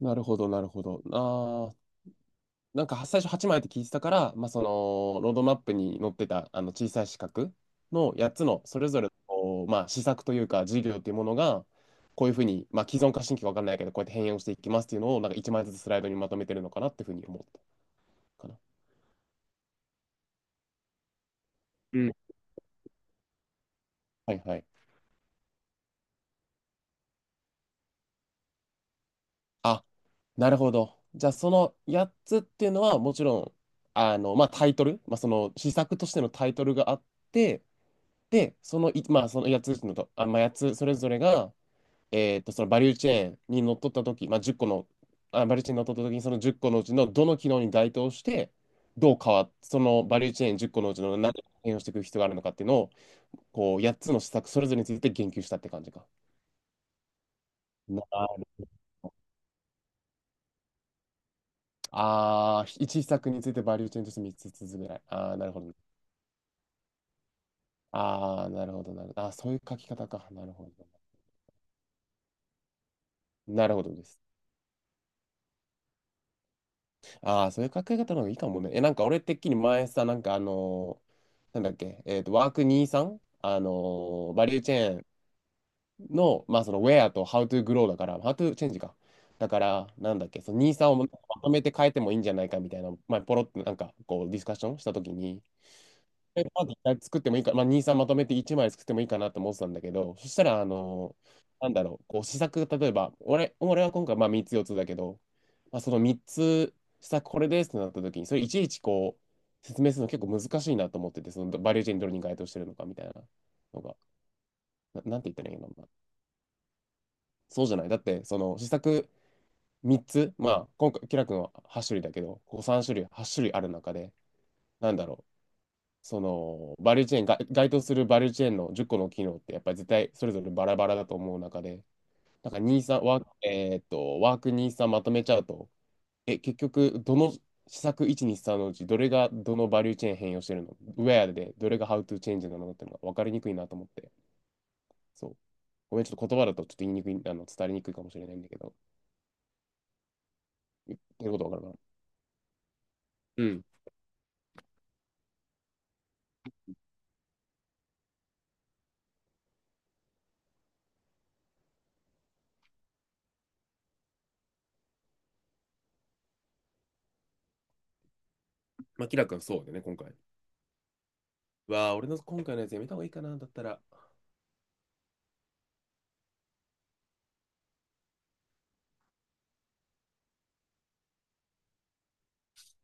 なるほど、なるほど。ああ、なんかは最初8枚って聞いてたから、まあ、その、ロードマップに載ってた、小さい四角の8つの、それぞれの、こうまあ、施策というか、事業というものが、こういうふうに、まあ、既存か新規か分かんないけど、こうやって変容していきますっていうのを、なんか1枚ずつスライドにまとめてるのかなっていうふうに思ったかな。うん、はいはい。あ、なるほど。じゃあ、その8つっていうのは、もちろん、まあ、タイトル、まあ、その、施策としてのタイトルがあって、で、そのい、まあ、その8つのと、あ、まあ、8つそれぞれが、そのバリューチェーンにのっとったとき、まあ、10個の、あ、バリューチェーンにのっとったときに、その10個のうちのどの機能に該当して、どう変わっ、そのバリューチェーン10個のうちの何を変容していく必要があるのかっていうのを、こう、8つの施策それぞれについて言及したって感じか。な、ああ、1施策についてバリューチェーンとして3つずつぐらい。ああ、なるほどね。ああ、なるほど、なるほど。ああ、そういう書き方か。なるほどね。なるほどです。ああ、そういう考え方の方がいいかもね。え、なんか俺てっきり前さ、なんかなんだっけ、ワーク23、バリューチェーンの、まあその、ウェアとハウトゥーグローだから、ハウトゥーチェンジか。だから、なんだっけ、その23をまとめて変えてもいいんじゃないかみたいな、前ポロッとなんかこうディスカッションしたときに、でまず一回作ってもいいか、まあ、2、3まとめて1枚作ってもいいかなと思ってたんだけど、そしたら、なんだろう、こう試作、例えば、俺は今回まあ3つ、4つだけど、まあ、その3つ、試作これですってなった時に、それいちいちこう、説明するの結構難しいなと思ってて、そのバリューチェーンどれに該当してるのかみたいなのが、なんて言ったらいいのかな。そうじゃない。だって、その試作3つ、まあ、今回、キラ君は8種類だけど、こう3種類、8種類ある中で、なんだろう、そのバリューチェーンが該当するバリューチェーンの10個の機能ってやっぱり絶対それぞれバラバラだと思う中で、なんか23ワーク、ワーク23まとめちゃうと、え、結局どの施策123のうちどれがどのバリューチェーン変容してるのウェアでどれがハウトゥーチェンジなのっていうのが分かりにくいなと思って、そう、ごめん、ちょっと言葉だとちょっと言いにくい、伝わりにくいかもしれないんだけど、言ってること分かるかな。うん、まあキラ君そうだよね、今回。うわあ、俺の今回のやつやめた方がいいかな、だったら。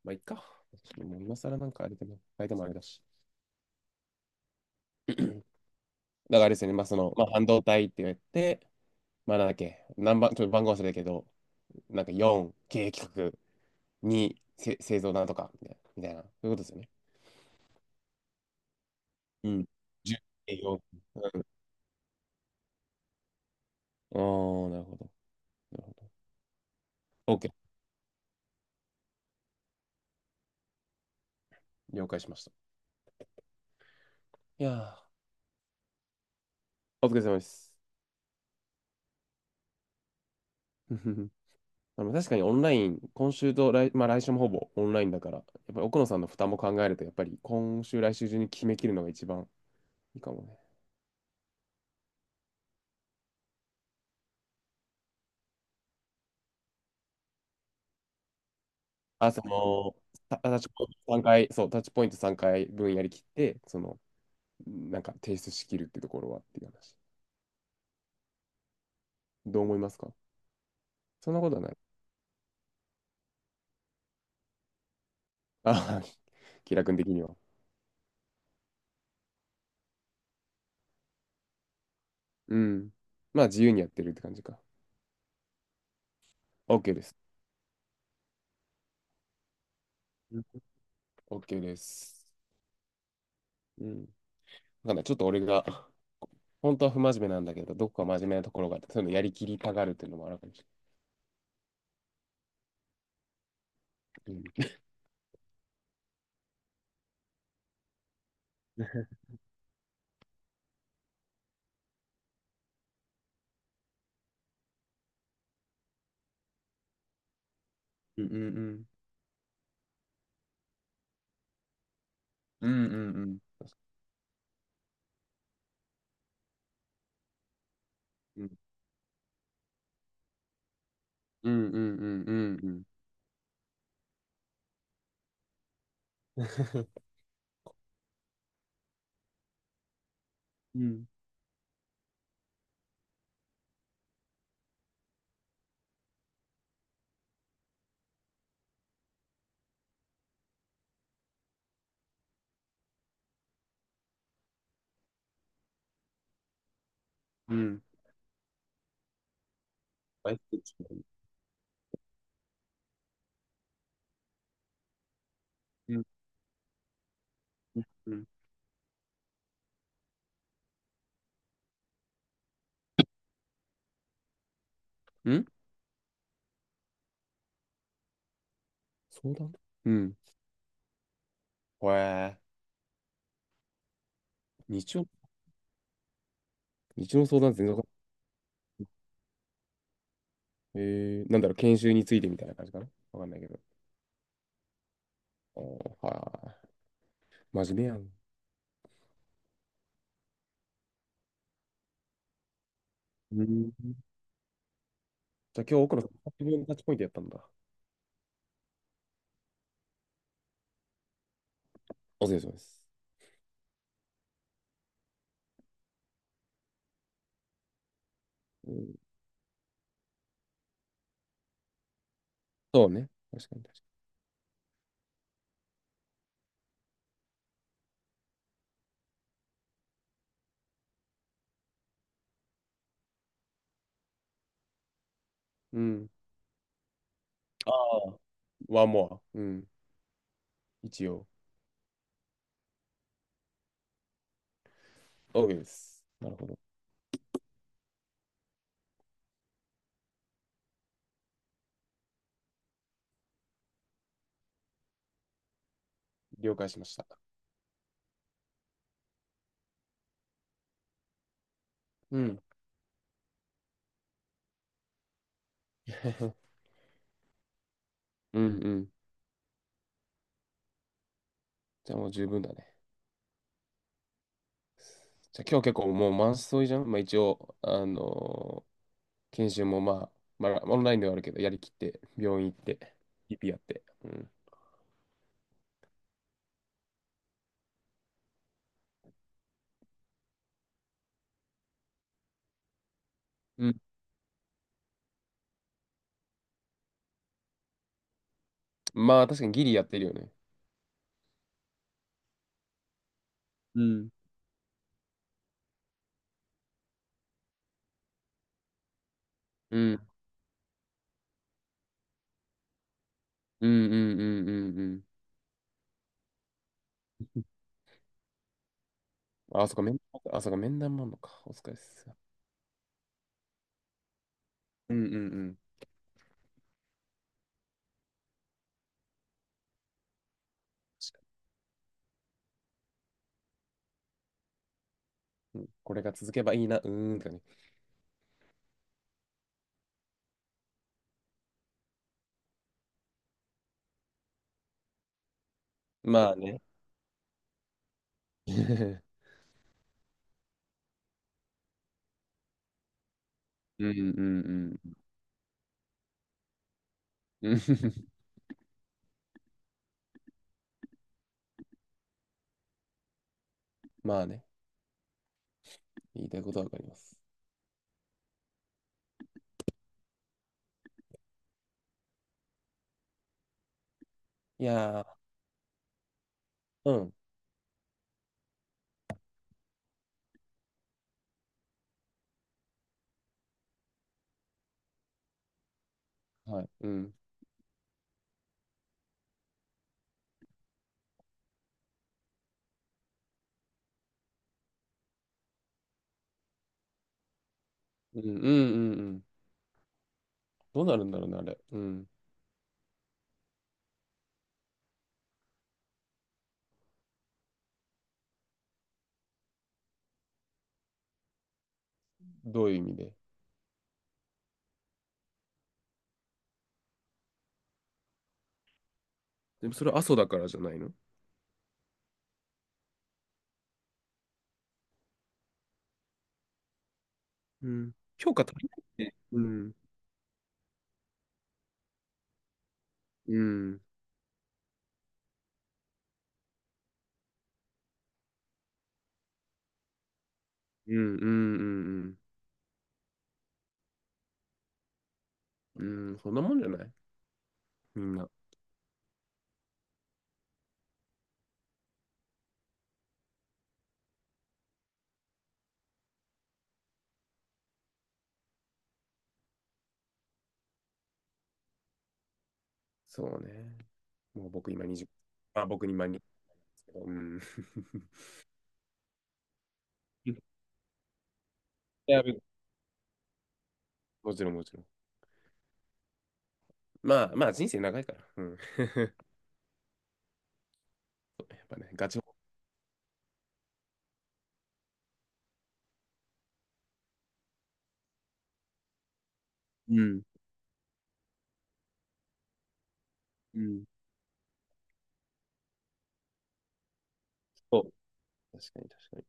まあいっか、もう今更なんかあれでも、相手もあれだし。だからあれですよね、まあ、その、まあ、半導体って言って、まあ、なんだっけ、何番、ちょっと番号忘れたけど、なんか4、経営企画、2、製造なんとか、みたいな、みたいなそういうことですよね。うん。10、営業。うん。ああ、なるほど。なるほど。OK。了解しました。いやー、お疲れ様です。ふふふ、確かにオンライン、今週と来、まあ、来週もほぼオンラインだから、やっぱり奥野さんの負担も考えると、やっぱり今週、来週中に決めきるのが一番いいかもね。あ、そのタッチポイント三回、そうタッチポイント三回分やり切って、そのなんか提出しきるってところはっていう話。どう思いますか？そんなことはない。あ、気楽君的には、うん、まあ自由にやってるって感じか。オッケーです。オッケーです。うん。わかんない。ちょっと俺が本当は不真面目なんだけど、どこか真面目なところがあって、そのやりきりたがるっていうのもある感じ。うんうんうんうんうんうんうんうんうんうんうんうんうんうん。うんうん。はい。うん。うん。うん、相談。うん。へえ。日曜、日曜相談全然わかんない。えー、なんだろう、研修についてみたいな感じかな、わかんないけど。おー、はい。真面目やん。うん。じゃあ今日奥野さん、自分のタッチポイントやったんだ。お疲れ様です。うん、そうね。確かに確かに。うん。ああ。ワンモア。うん。一応。OK です。なるほど。了解しました。うん。うんうん。じゃあもう十分だね。じゃあ今日結構もう満載じゃん。まあ一応、ー研修もまあ、まあ、オンラインではあるけど、やりきって、病院行って、PP やって。うん。うん。まあ、確かにギリやってるよね。うん。うん。うんうんうんうんうん。あ、そっか、面、あ、そっか、面談もあんのか。お疲れっす。うんうんうん。確かにこれが続けばいいな。うーんとかね。まあね。うんうんうん。うん まあね。言いたいことはわかります。いやー、うん。はい。うん。うんうんうんうん。どうなるんだろうね、あれ。うん。どういう意味で。でもそれは阿蘇だからじゃないの。うん。評価足りないね。うん。うん。うん。うん。うん。うん。そんなもんじゃないみんな。そうね。もう僕今20。あ、僕今20。うん。いや、もちろんもちろん。まあまあ人生長いから。うん。やっぱね、ガチホ。うん。うん。そう。確かに確かに。